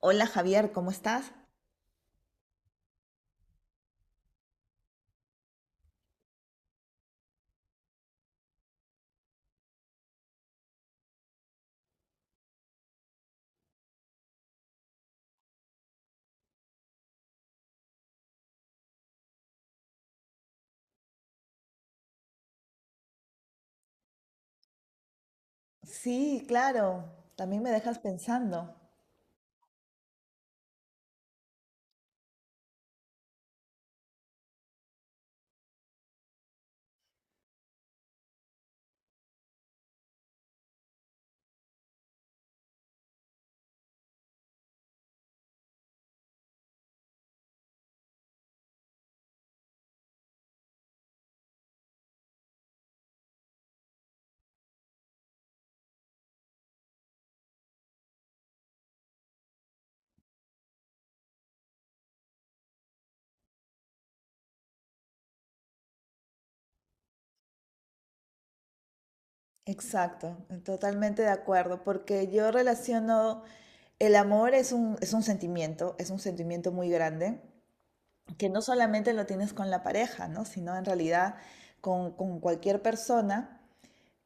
Hola Javier, ¿cómo estás? Sí, claro, también me dejas pensando. Exacto, totalmente de acuerdo, porque yo relaciono el amor es un sentimiento, es un sentimiento muy grande, que no solamente lo tienes con la pareja, ¿no? Sino en realidad con cualquier persona,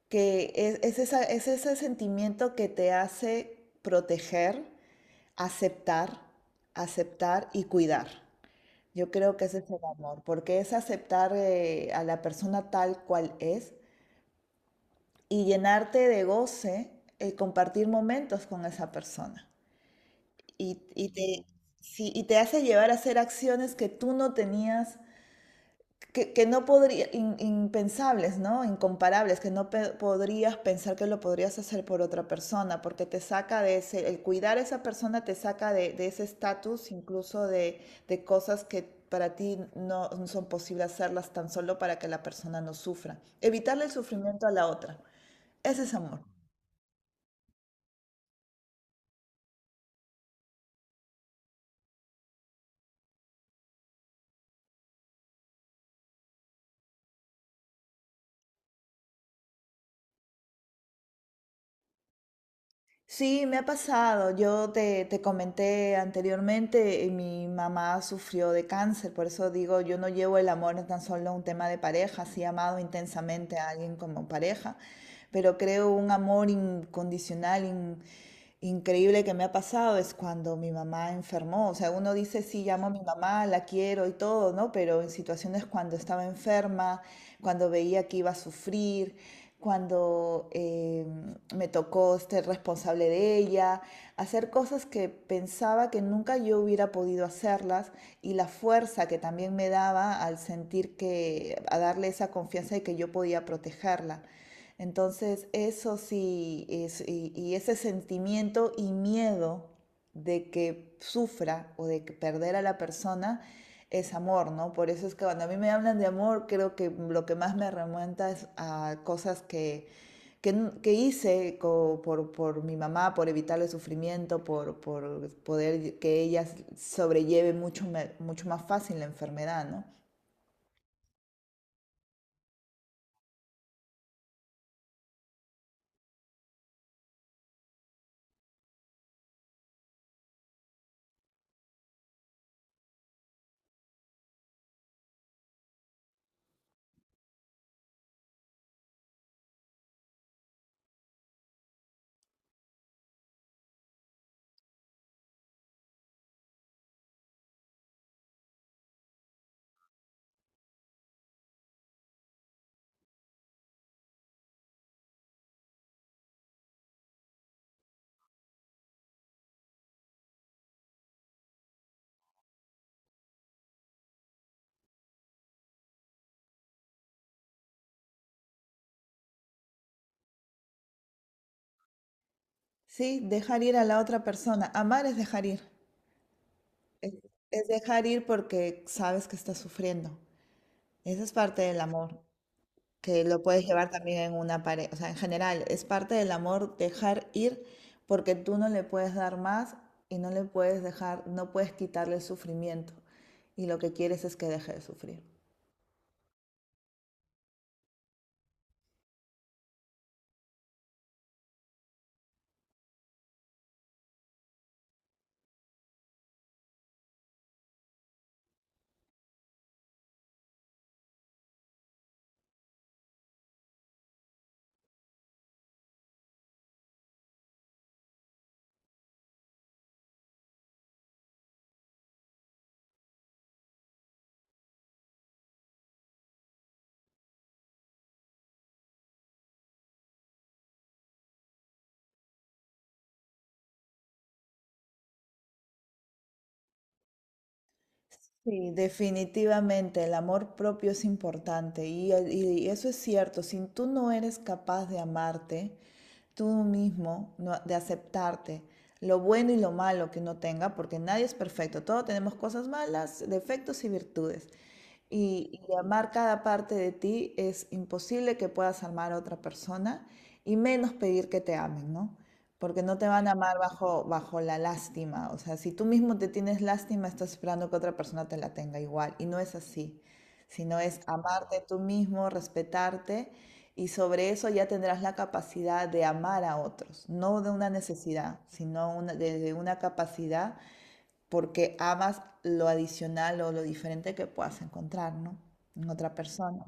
que es ese sentimiento que te hace proteger, aceptar, aceptar y cuidar. Yo creo que ese es el amor, porque es aceptar a la persona tal cual es y llenarte de goce el compartir momentos con esa persona. Y, y te, sí, y te hace llevar a hacer acciones que tú no tenías que no podría, in- impensables, ¿no? Incomparables, que no pe- podrías pensar que lo podrías hacer por otra persona, porque te saca de ese, el cuidar a esa persona te saca de ese estatus, incluso de cosas que para ti no son posibles hacerlas tan solo para que la persona no sufra. Evitarle el sufrimiento a la otra. Ese es amor. Sí, me ha pasado. Te comenté anteriormente, mi mamá sufrió de cáncer, por eso digo, yo no llevo el amor tan solo a un tema de pareja, sí he amado intensamente a alguien como pareja, pero creo un amor incondicional, increíble que me ha pasado es cuando mi mamá enfermó. O sea, uno dice, sí, llamo a mi mamá, la quiero y todo, ¿no? Pero en situaciones cuando estaba enferma, cuando veía que iba a sufrir, cuando... me tocó ser responsable de ella, hacer cosas que pensaba que nunca yo hubiera podido hacerlas y la fuerza que también me daba al sentir que, a darle esa confianza de que yo podía protegerla. Entonces, eso sí, es ese sentimiento y miedo de que sufra o de que perder a la persona, es amor, ¿no? Por eso es que cuando a mí me hablan de amor, creo que lo que más me remonta es a cosas que, que hice por mi mamá, por evitarle sufrimiento, por poder que ella sobrelleve mucho más fácil la enfermedad, ¿no? Sí, dejar ir a la otra persona. Amar es dejar ir. Es, es dejar ir porque sabes que está sufriendo. Esa es parte del amor. Que lo puedes llevar también en una pareja. O sea, en general, es parte del amor dejar ir porque tú no le puedes dar más y no le puedes dejar, no puedes quitarle el sufrimiento. Y lo que quieres es que deje de sufrir. Sí, definitivamente el amor propio es importante y, y eso es cierto, si tú no eres capaz de amarte tú mismo, de aceptarte lo bueno y lo malo que no tenga, porque nadie es perfecto, todos tenemos cosas malas, defectos y virtudes. Y amar cada parte de ti es imposible que puedas amar a otra persona y menos pedir que te amen, ¿no? Porque no te van a amar bajo la lástima. O sea, si tú mismo te tienes lástima, estás esperando que otra persona te la tenga igual. Y no es así, sino es amarte tú mismo, respetarte y sobre eso ya tendrás la capacidad de amar a otros. No de una necesidad, desde una capacidad porque amas lo adicional o lo diferente que puedas encontrar, ¿no? En otra persona.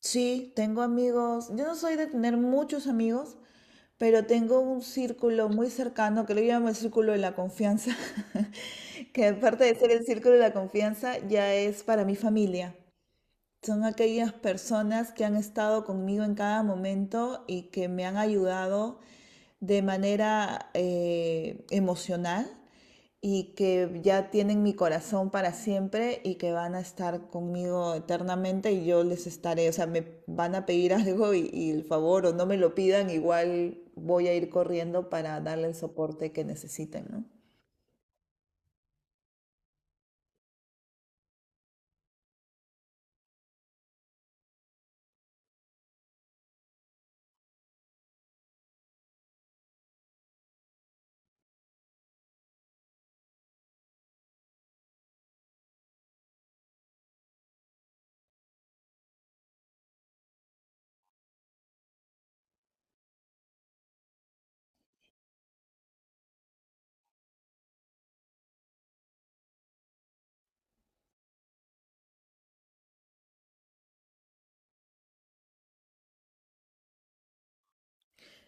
Sí, tengo amigos. Yo no soy de tener muchos amigos, pero tengo un círculo muy cercano que lo llamo el círculo de la confianza, que aparte de ser el círculo de la confianza, ya es para mi familia, son aquellas personas que han estado conmigo en cada momento y que me han ayudado de manera emocional y que ya tienen mi corazón para siempre y que van a estar conmigo eternamente y yo les estaré, o sea, me van a pedir algo y el favor o no me lo pidan, igual voy a ir corriendo para darle el soporte que necesiten, ¿no?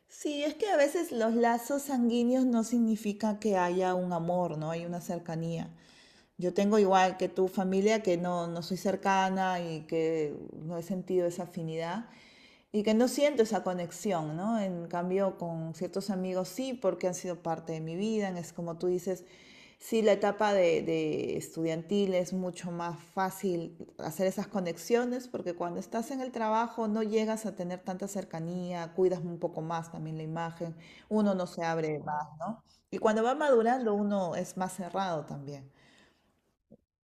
Sí, es que a veces los lazos sanguíneos no significa que haya un amor, ¿no? Hay una cercanía. Yo tengo igual que tu familia que no, no soy cercana y que no he sentido esa afinidad, y que no siento esa conexión, ¿no? En cambio, con ciertos amigos sí, porque han sido parte de mi vida. Es como tú dices, sí, la etapa de estudiantil es mucho más fácil hacer esas conexiones, porque cuando estás en el trabajo no llegas a tener tanta cercanía, cuidas un poco más también la imagen, uno no se abre más, ¿no? Y cuando va madurando uno es más cerrado también,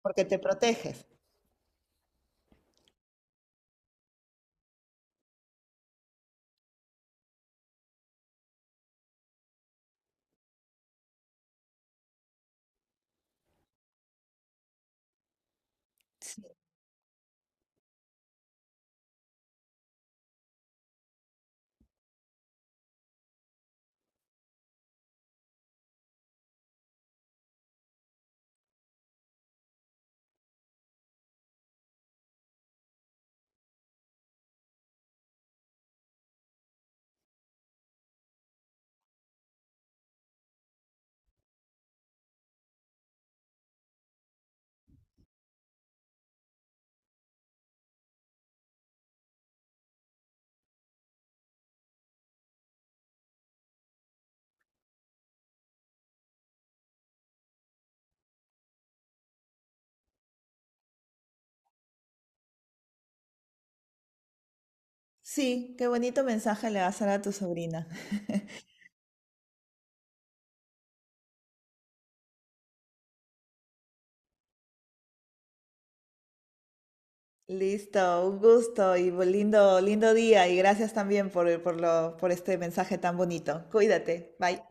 porque te proteges. Sí, qué bonito mensaje le vas a dar a tu sobrina. Listo, un gusto y lindo, lindo día y gracias también por este mensaje tan bonito. Cuídate, bye.